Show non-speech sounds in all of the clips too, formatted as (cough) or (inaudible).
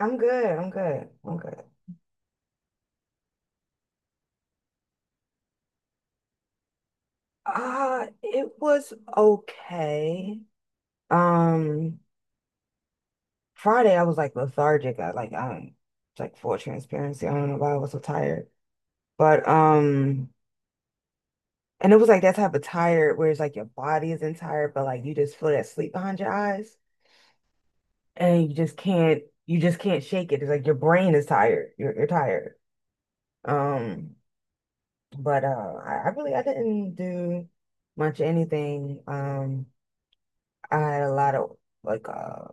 I'm good. It was okay. Um, Friday I was like lethargic. I like Like full transparency, I don't know why I was so tired. But and it was like that type of tired where it's like your body isn't tired, but like you just feel that sleep behind your eyes and you just can't shake it. It's like your brain is tired. You're tired. Um, but I really I didn't do much of anything. I had a lot of like uh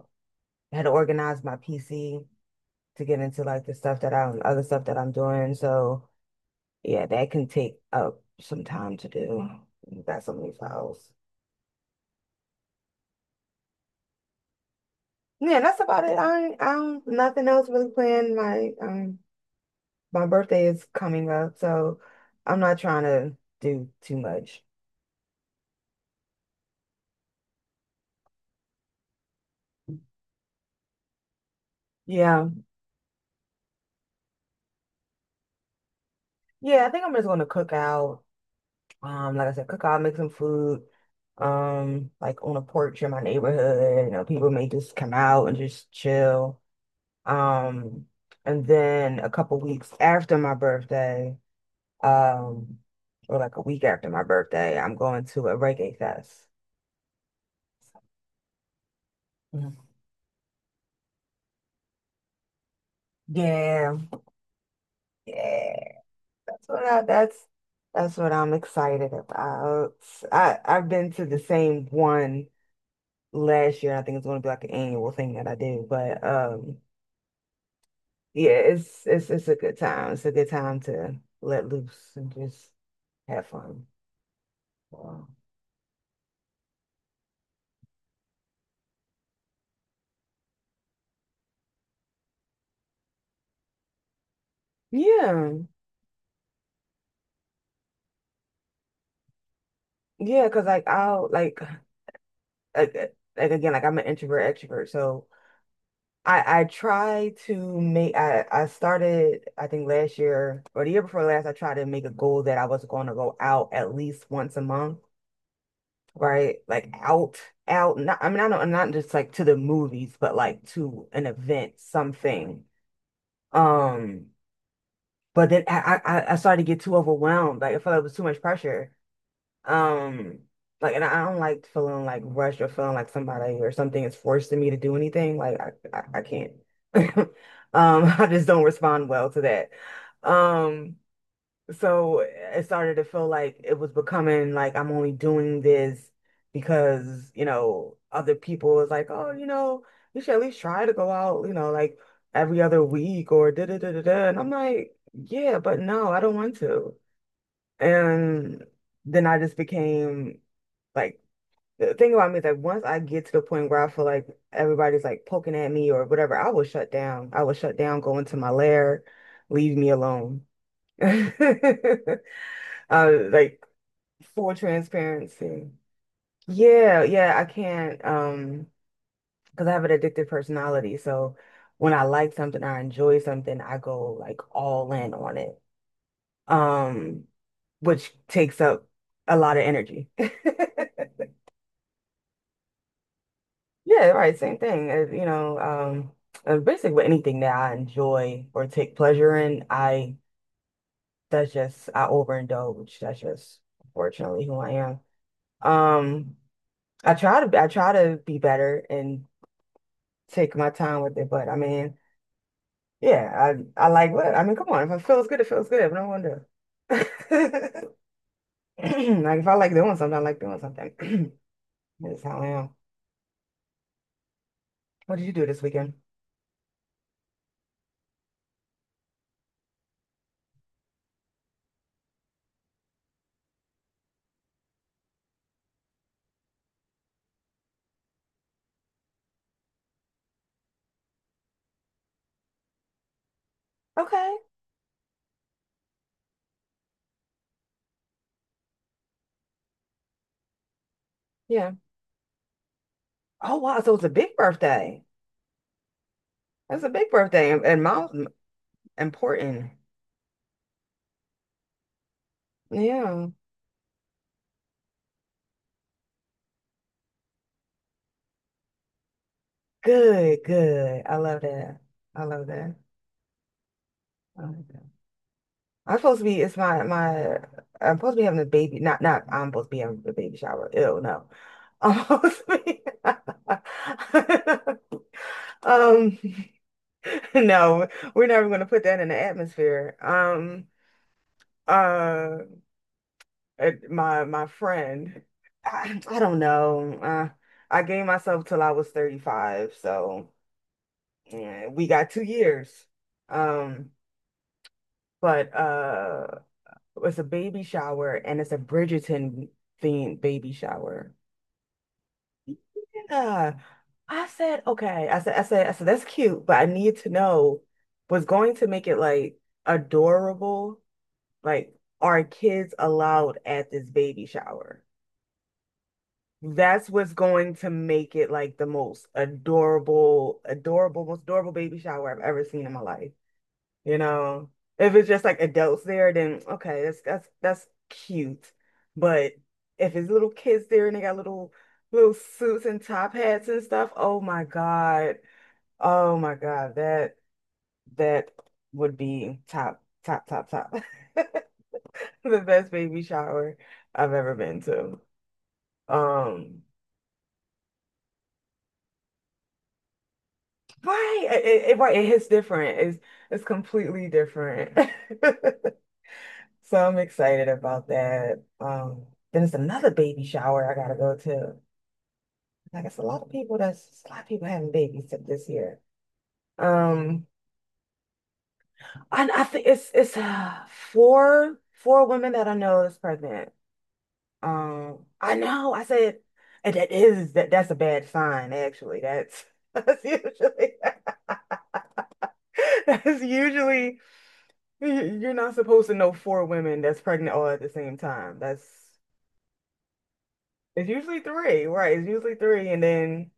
I had to organize my PC to get into like the stuff that I'm other stuff that I'm doing. So yeah, that can take up some time to do. You got so many files. Yeah, that's about it. I don't nothing else really planned. My birthday is coming up, so I'm not trying to do too much. Yeah. Yeah, I think I'm just gonna cook out. Like I said, cook out, make some food. Like on a porch in my neighborhood, people may just come out and just chill. Um, and then a couple weeks after my birthday, um, or like a week after my birthday, I'm going to a reggae fest. Mhm. Yeah, yeah. That's what I, that's that's what I'm excited about. I've been to the same one last year. I think it's going to be like an annual thing that I do, but yeah, it's a good time. It's a good time to let loose and just have fun. Wow. Yeah, yeah, because like I'll like uh, like again, like I'm an introvert extrovert. So I try to make I started, I think last year or the year before last, I tried to make a goal that I was going to go out at least once a month, right? Like out out Not, I mean, I don't, not just like to the movies, but like to an event, something. Um. But then I started to get too overwhelmed. Like I felt like it was too much pressure. Um, like, and I don't like feeling like rushed or feeling like somebody or something is forcing me to do anything. Like I can't. (laughs) I just don't respond well to that. Um, so it started to feel like it was becoming like I'm only doing this because, you know, other people was like, oh, you know, you should at least try to go out, you know, like every other week or da da da da da. And I'm like, yeah, but no, I don't want to. And then I just became like, the thing about me is like once I get to the point where I feel like everybody's like poking at me or whatever, I will shut down. I will shut down, go into my lair, leave me alone. (laughs) Uh, like full transparency. Yeah, yeah, I can't because I have an addictive personality. So when I like something or I enjoy something, I go like all in on it. Um, which takes up a lot of energy. (laughs) Yeah, right, same thing. You know, basically with anything that I enjoy or take pleasure in, I overindulge. That's just unfortunately who I am. Um I try to be better and take my time with it, but I mean, yeah, I like what I mean, come on, if it feels good, it feels good. But no wonder. (laughs) Like if I like doing something, I like doing something. (clears throat) That's how I am. What did you do this weekend? Okay, yeah. Oh wow, so it's a big birthday. That's a big birthday, and mine important. Yeah, good, good. I love that. I love that. Um, I'm supposed to be, it's my, my, I'm supposed to be having a baby, not, not, I'm supposed to be having a baby shower. Ew, no. (laughs) I'm supposed to be, (laughs) um, no, we're never going to put that in the atmosphere. Uh, my friend, I don't know. I gave myself till I was 35, so yeah, we got 2 years. Um, but, uh, It's a baby shower and it's a Bridgerton themed baby shower. Yeah. I said, okay. I said that's cute, but I need to know what's going to make it like adorable. Like, are kids allowed at this baby shower? That's what's going to make it like the most adorable, adorable, most adorable baby shower I've ever seen in my life. You know, if it's just like adults there, then okay, that's cute. But if it's little kids there and they got little suits and top hats and stuff, oh my God. Oh my God, that would be top, top, top, top. (laughs) The best baby shower I've ever been to. Um, right, right, it hits different. It's completely different. (laughs) So I'm excited about that. Then it's another baby shower I gotta go to. Like it's a lot of people that's it's a lot of people having babies this year. Um, and I think it's four women that I know is pregnant. I know. And that is that's a bad sign actually. That's (laughs) that's usually (laughs) that's usually you're not supposed to know four women that's pregnant all at the same time. That's it's usually three, right? It's usually three, and then.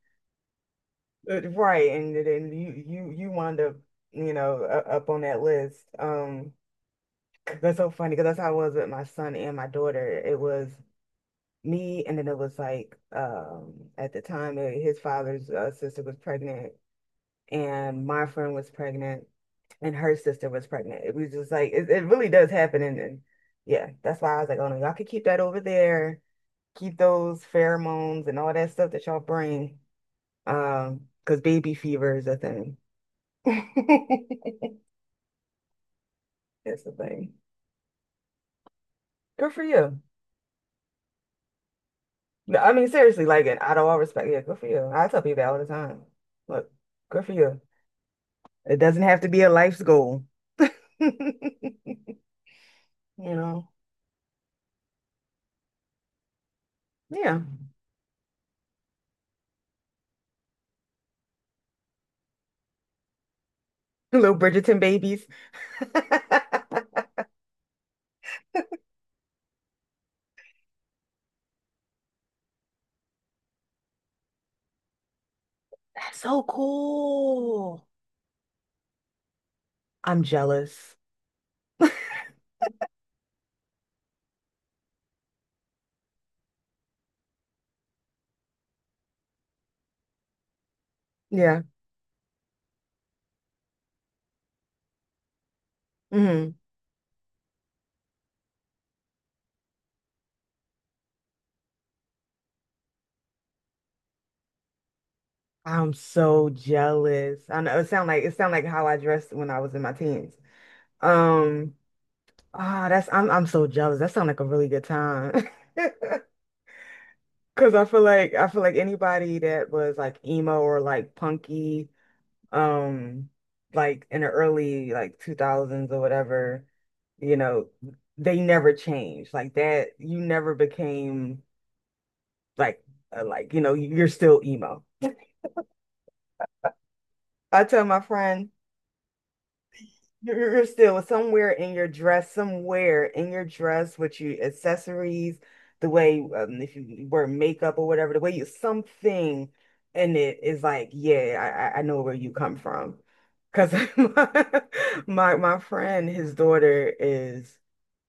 Right, and then you wind up, you know, up on that list. 'Cause that's so funny because that's how it was with my son and my daughter. It was me, and then it was like, at the time, his father's sister was pregnant, and my friend was pregnant, and her sister was pregnant. It was just like it really does happen, and yeah, that's why I was like, oh no, y'all could keep that over there, keep those pheromones and all that stuff that y'all bring, because baby fever is a thing. (laughs) That's the thing. Good for you. No, I mean, seriously, like, and out of all respect, yeah, good for you. I tell people that all the time. Look, good for you. It doesn't have to be a life's goal. (laughs) You know, yeah. Little Bridgerton babies. (laughs) That's so cool. I'm jealous. (laughs) Yeah. hmm I'm so jealous. I know it sound like how I dressed when I was in my teens. Um, that's I'm so jealous. That sounds like a really good time. (laughs) Cause I feel like anybody that was like emo or like punky, um, like in the early like 2000s or whatever, you know, they never changed. You never became like you know, you're still emo. I tell my friend. You're still somewhere in your dress, somewhere in your dress with your accessories, the way if you wear makeup or whatever, the way you, something in it is like, yeah, I know where you come from. Because (laughs) my my friend, his daughter is,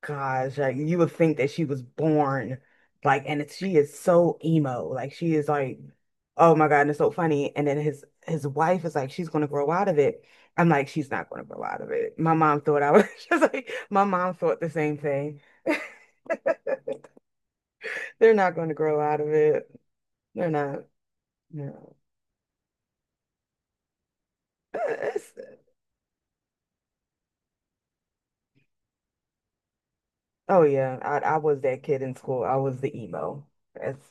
gosh, like you would think that she was born like, and she is so emo, like she is like, oh my God, and it's so funny. And then his wife is like, she's gonna grow out of it. I'm like, she's not going to grow out of it. My mom thought I was (laughs) just like, my mom thought the same thing. (laughs) They're not going to grow out of it. They're not. No. (laughs) It's- oh yeah, I was that kid in school. I was the emo. That's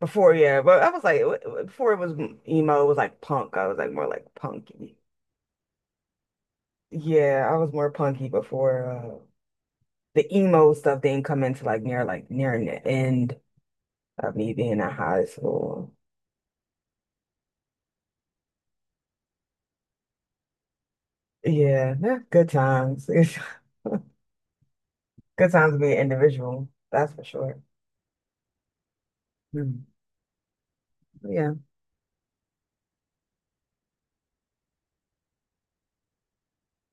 before, yeah, but before it was emo, it was like punk. I was like more like punky. Yeah, I was more punky before the emo stuff didn't come into like near the end of me being in high school. Yeah, nah, good times. (laughs) Good time to be an individual, that's for sure. Mm. Yeah.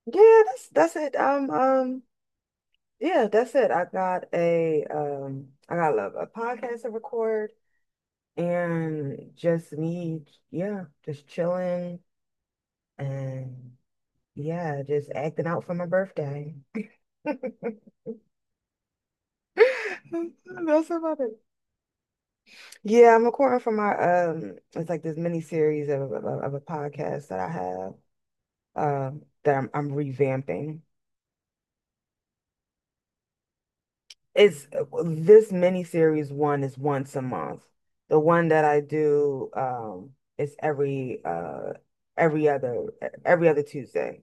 Yeah, that's it. Yeah, that's it. I got a a podcast to record and just me, yeah, just chilling and yeah, just acting out for my birthday. (laughs) That's about it. Yeah, I'm recording for my it's like this mini series of a podcast that I have that I'm revamping. It's this miniseries, one is once a month. The one that I do is every every other every other Tuesday.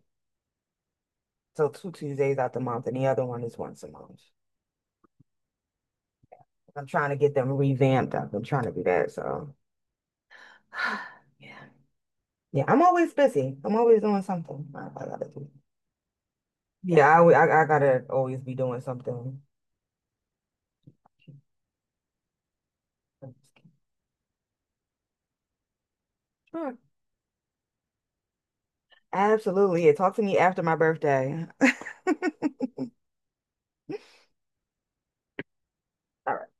So two Tuesdays out the month, and the other one is once a month. I'm trying to get them revamped up. I'm trying to do that. So (sighs) yeah, yeah. I'm always busy. I'm always doing something. I gotta do. Yeah, I gotta always be doing something. (laughs) Sure. Absolutely. Yeah, talk to me after my birthday. (laughs) All right.